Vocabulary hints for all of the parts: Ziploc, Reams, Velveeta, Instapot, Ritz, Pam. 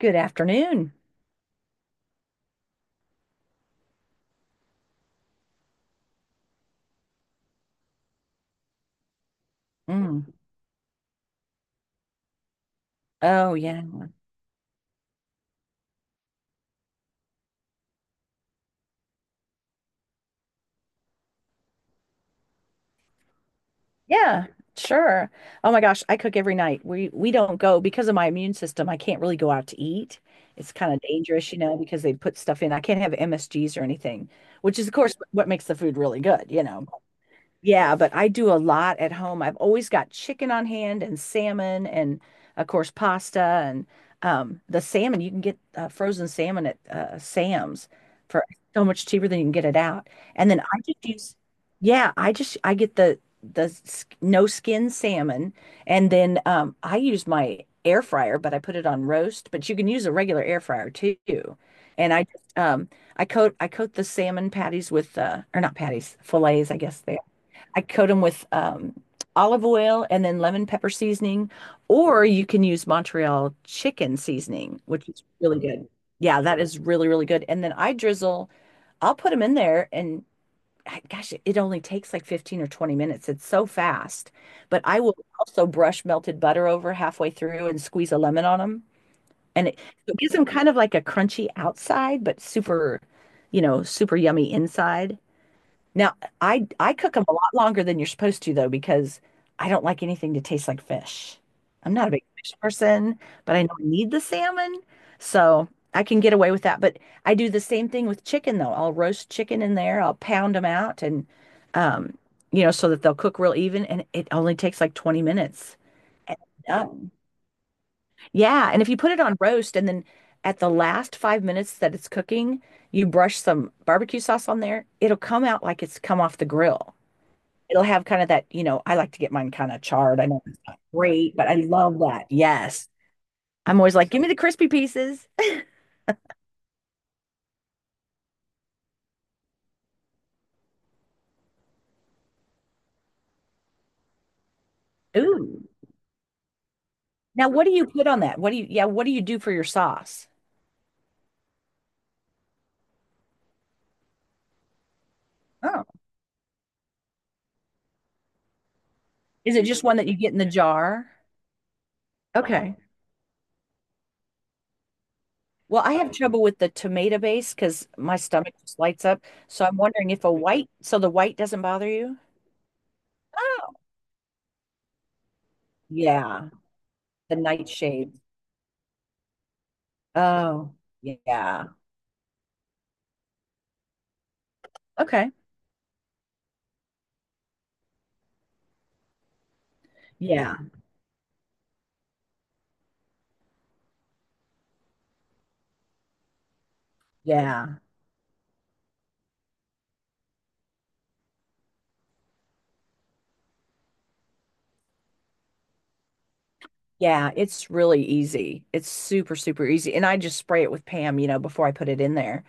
Good afternoon. Mm. Oh yeah. Yeah, sure. Oh my gosh, I cook every night. We don't go because of my immune system. I can't really go out to eat. It's kind of dangerous, you know, because they put stuff in. I can't have MSGs or anything, which is of course what makes the food really good, you know. Yeah, but I do a lot at home. I've always got chicken on hand and salmon and of course pasta and the salmon you can get frozen salmon at Sam's for so much cheaper than you can get it out. And then I just I just I get the no skin salmon and then I use my air fryer, but I put it on roast, but you can use a regular air fryer too. And I just I coat the salmon patties with or not patties, fillets, I guess they I coat them with olive oil and then lemon pepper seasoning, or you can use Montreal chicken seasoning, which is really good. Yeah, that is really, really good. And then I drizzle, I'll put them in there and gosh, it only takes like 15 or 20 minutes. It's so fast. But I will also brush melted butter over halfway through and squeeze a lemon on them. And it gives them kind of like a crunchy outside, but super, you know, super yummy inside. Now, I cook them a lot longer than you're supposed to though because I don't like anything to taste like fish. I'm not a big fish person, but I know I need the salmon, so I can get away with that. But I do the same thing with chicken though. I'll roast chicken in there, I'll pound them out and um, you know, so that they'll cook real even and it only takes like 20 minutes. And it's done. Yeah, and if you put it on roast and then at the last 5 minutes that it's cooking, you brush some barbecue sauce on there, it'll come out like it's come off the grill. It'll have kind of that, you know, I like to get mine kind of charred. I know it's not great, but I love that. Yes. I'm always like, give me the crispy pieces. Ooh. Now, what do you put on that? What do you, yeah, what do you do for your sauce? Oh, is it just one that you get in the jar? Okay. Well, I have trouble with the tomato base because my stomach just lights up. So I'm wondering if a white, so the white doesn't bother you? Oh, yeah. The nightshade. Oh, yeah. Okay. Yeah. Yeah. Yeah, it's really easy. It's super, super easy. And I just spray it with Pam, you know, before I put it in there.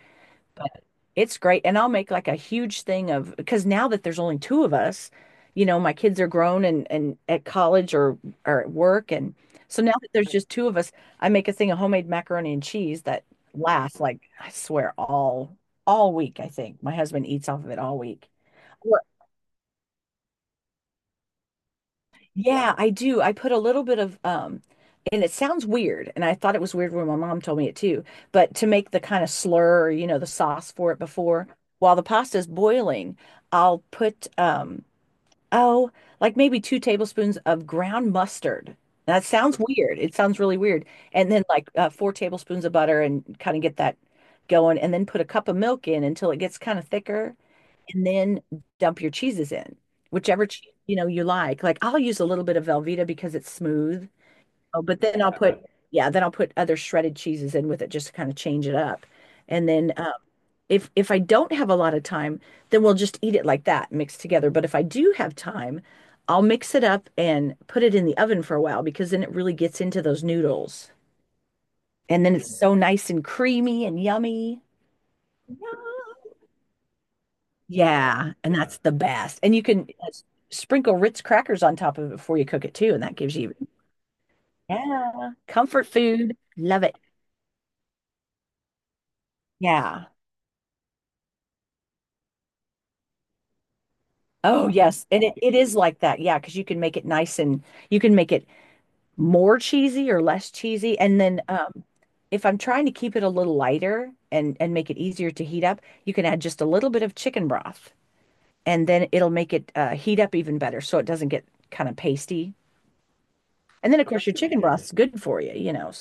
But it's great. And I'll make like a huge thing of because now that there's only two of us, you know, my kids are grown and at college or at work. And so now that there's just two of us, I make a thing of homemade macaroni and cheese that lasts like I swear all week, I think. My husband eats off of it all week. Yeah, I do. I put a little bit of and it sounds weird, and I thought it was weird when my mom told me it too, but to make the kind of slur, you know, the sauce for it before while the pasta is boiling, I'll put oh, like maybe 2 tablespoons of ground mustard. That sounds weird. It sounds really weird. And then like 4 tablespoons of butter and kind of get that going and then put a cup of milk in until it gets kind of thicker and then dump your cheeses in, whichever cheese you know you like. Like I'll use a little bit of Velveeta because it's smooth. Oh, but then then I'll put other shredded cheeses in with it just to kind of change it up. And then if I don't have a lot of time, then we'll just eat it like that, mixed together. But if I do have time, I'll mix it up and put it in the oven for a while because then it really gets into those noodles. And then it's so nice and creamy and yummy. Yeah, and that's the best. And you can sprinkle Ritz crackers on top of it before you cook it too, and that gives you, yeah, comfort food. Love it. Yeah. Oh, yes. And it is like that. Yeah, because you can make it nice and you can make it more cheesy or less cheesy. And then if I'm trying to keep it a little lighter and make it easier to heat up, you can add just a little bit of chicken broth and then it'll make it heat up even better so it doesn't get kind of pasty. And then of course your chicken broth's good for you, you know.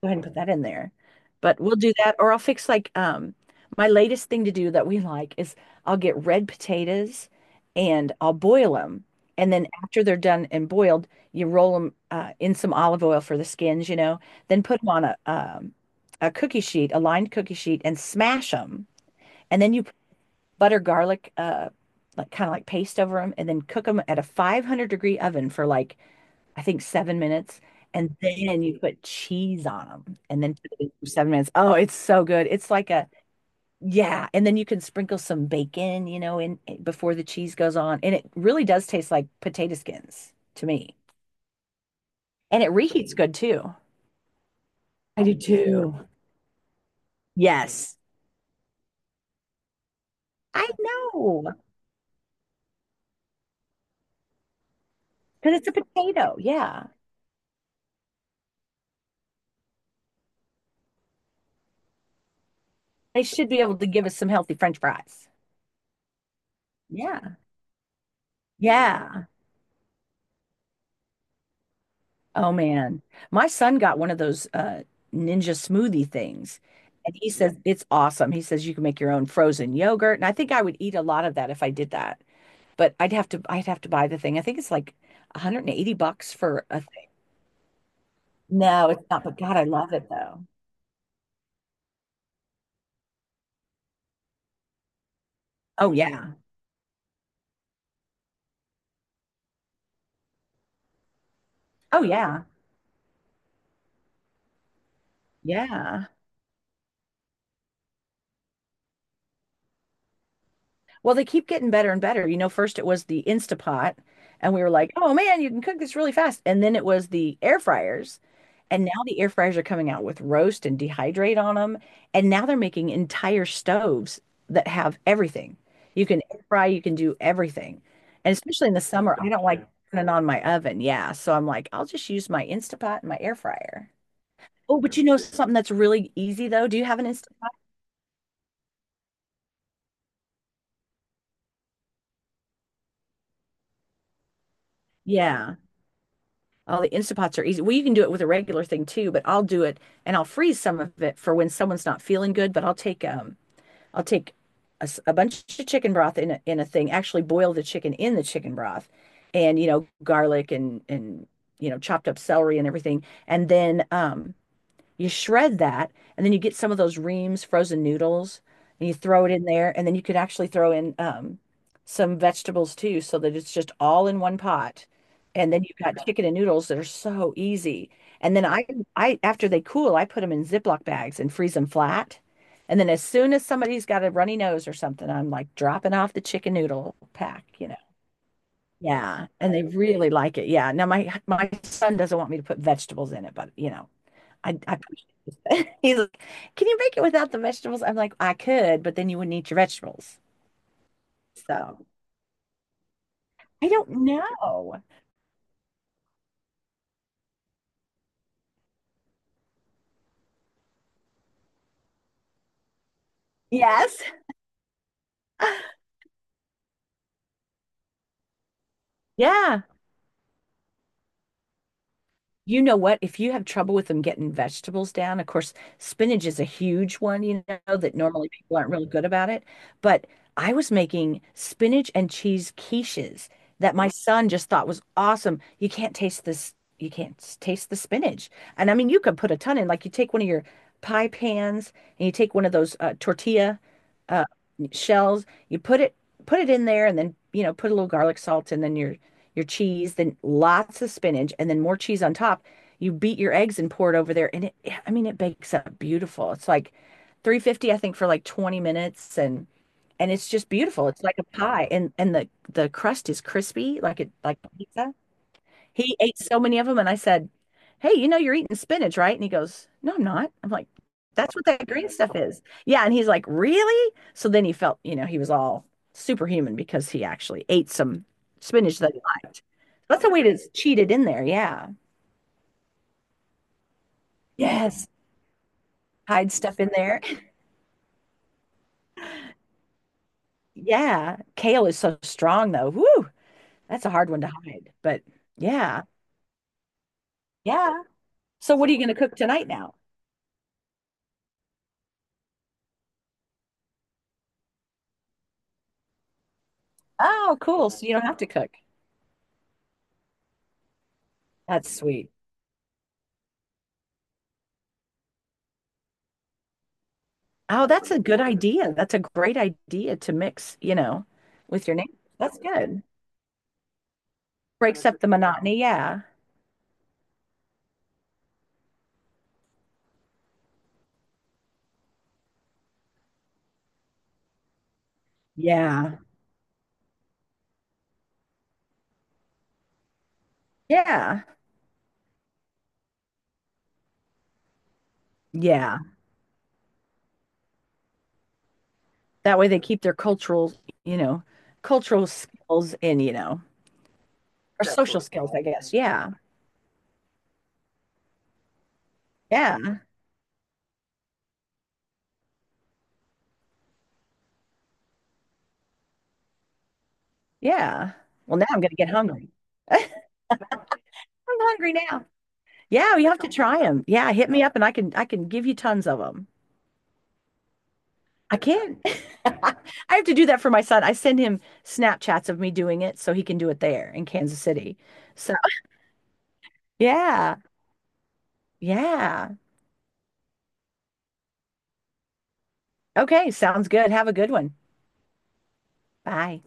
Go ahead and put that in there. But we'll do that, or I'll fix like my latest thing to do that we like is I'll get red potatoes and I'll boil them. And then after they're done and boiled, you roll them in some olive oil for the skins, you know, then put them on a cookie sheet, a lined cookie sheet, and smash them. And then you put butter garlic, like kind of like paste over them, and then cook them at a 500-degree oven for like I think 7 minutes, and then you put cheese on them, and then put it in for 7 minutes. Oh, it's so good. It's like a yeah, and then you can sprinkle some bacon, you know, in before the cheese goes on, and it really does taste like potato skins to me, and it reheats good too. I do too. Yes, I know because it's a potato. Yeah, they should be able to give us some healthy French fries. Yeah, yeah. Oh man. My son got one of those ninja smoothie things and he says it's awesome. He says you can make your own frozen yogurt and I think I would eat a lot of that if I did that. But I'd have to buy the thing. I think it's like $180 for a thing. No, it's not, but God, I love it though. Oh yeah. Oh yeah. Yeah. Well, they keep getting better and better. You know, first it was the Instapot, and we were like, oh man, you can cook this really fast. And then it was the air fryers. And now the air fryers are coming out with roast and dehydrate on them. And now they're making entire stoves that have everything. You can air fry, you can do everything. And especially in the summer, I don't like yeah, turning on my oven. Yeah. So I'm like, I'll just use my Instapot and my air fryer. Oh, but you know something that's really easy though? Do you have an Instapot? Yeah. Oh, the instant pots are easy. Well, you can do it with a regular thing too, but I'll do it and I'll freeze some of it for when someone's not feeling good. But I'll take I'll take a, a bunch of chicken broth in a thing. Actually, boil the chicken in the chicken broth, and you know, garlic and you know, chopped up celery and everything. And then you shred that, and then you get some of those Reams frozen noodles, and you throw it in there, and then you could actually throw in some vegetables too, so that it's just all in one pot. And then you've got chicken and noodles that are so easy. And then I after they cool, I put them in Ziploc bags and freeze them flat. And then as soon as somebody's got a runny nose or something, I'm like dropping off the chicken noodle pack, you know. Yeah, and they really like it. Yeah. Now my son doesn't want me to put vegetables in it, but you know, I he's like, can you make it without the vegetables? I'm like, I could, but then you wouldn't eat your vegetables. So I don't know. Yes. Yeah. You know what? If you have trouble with them getting vegetables down, of course, spinach is a huge one, you know, that normally people aren't really good about it. But I was making spinach and cheese quiches that my son just thought was awesome. You can't taste this, you can't taste the spinach. And I mean, you could put a ton in, like you take one of your pie pans and you take one of those tortilla uh, shells, put it in there and then, you know, put a little garlic salt and then your cheese, then lots of spinach, and then more cheese on top. You beat your eggs and pour it over there. And it, I mean, it bakes up beautiful. It's like 350, I think, for like 20 minutes and it's just beautiful. It's like a pie and and the crust is crispy like it like pizza. He ate so many of them, and I said, "Hey, you know you're eating spinach, right?" And he goes, "No, I'm not." I'm like, "That's what that green stuff is." Yeah, and he's like, "Really?" So then he felt, you know, he was all superhuman because he actually ate some spinach that he liked. That's a way to cheat it in there. Yeah. Yes, hide stuff in there. Yeah, kale is so strong though. Whoo, that's a hard one to hide. But yeah, yeah. So what are you going to cook tonight now? Oh, cool. So you don't have to cook. That's sweet. Oh, that's a good idea. That's a great idea to mix, you know, with your neighbors. That's good. Breaks up the monotony. Yeah. Yeah. Yeah. Yeah. That way they keep their cultural, you know, cultural skills in, you know, or social skills, I guess. Yeah. Yeah. Yeah. Well, now I'm gonna get hungry. I'm hungry now. Yeah, you have to try them. Yeah, hit me up and I can give you tons of them. I can't. I have to do that for my son. I send him Snapchats of me doing it so he can do it there in Kansas City. So, yeah. Yeah. Okay. Sounds good. Have a good one. Bye.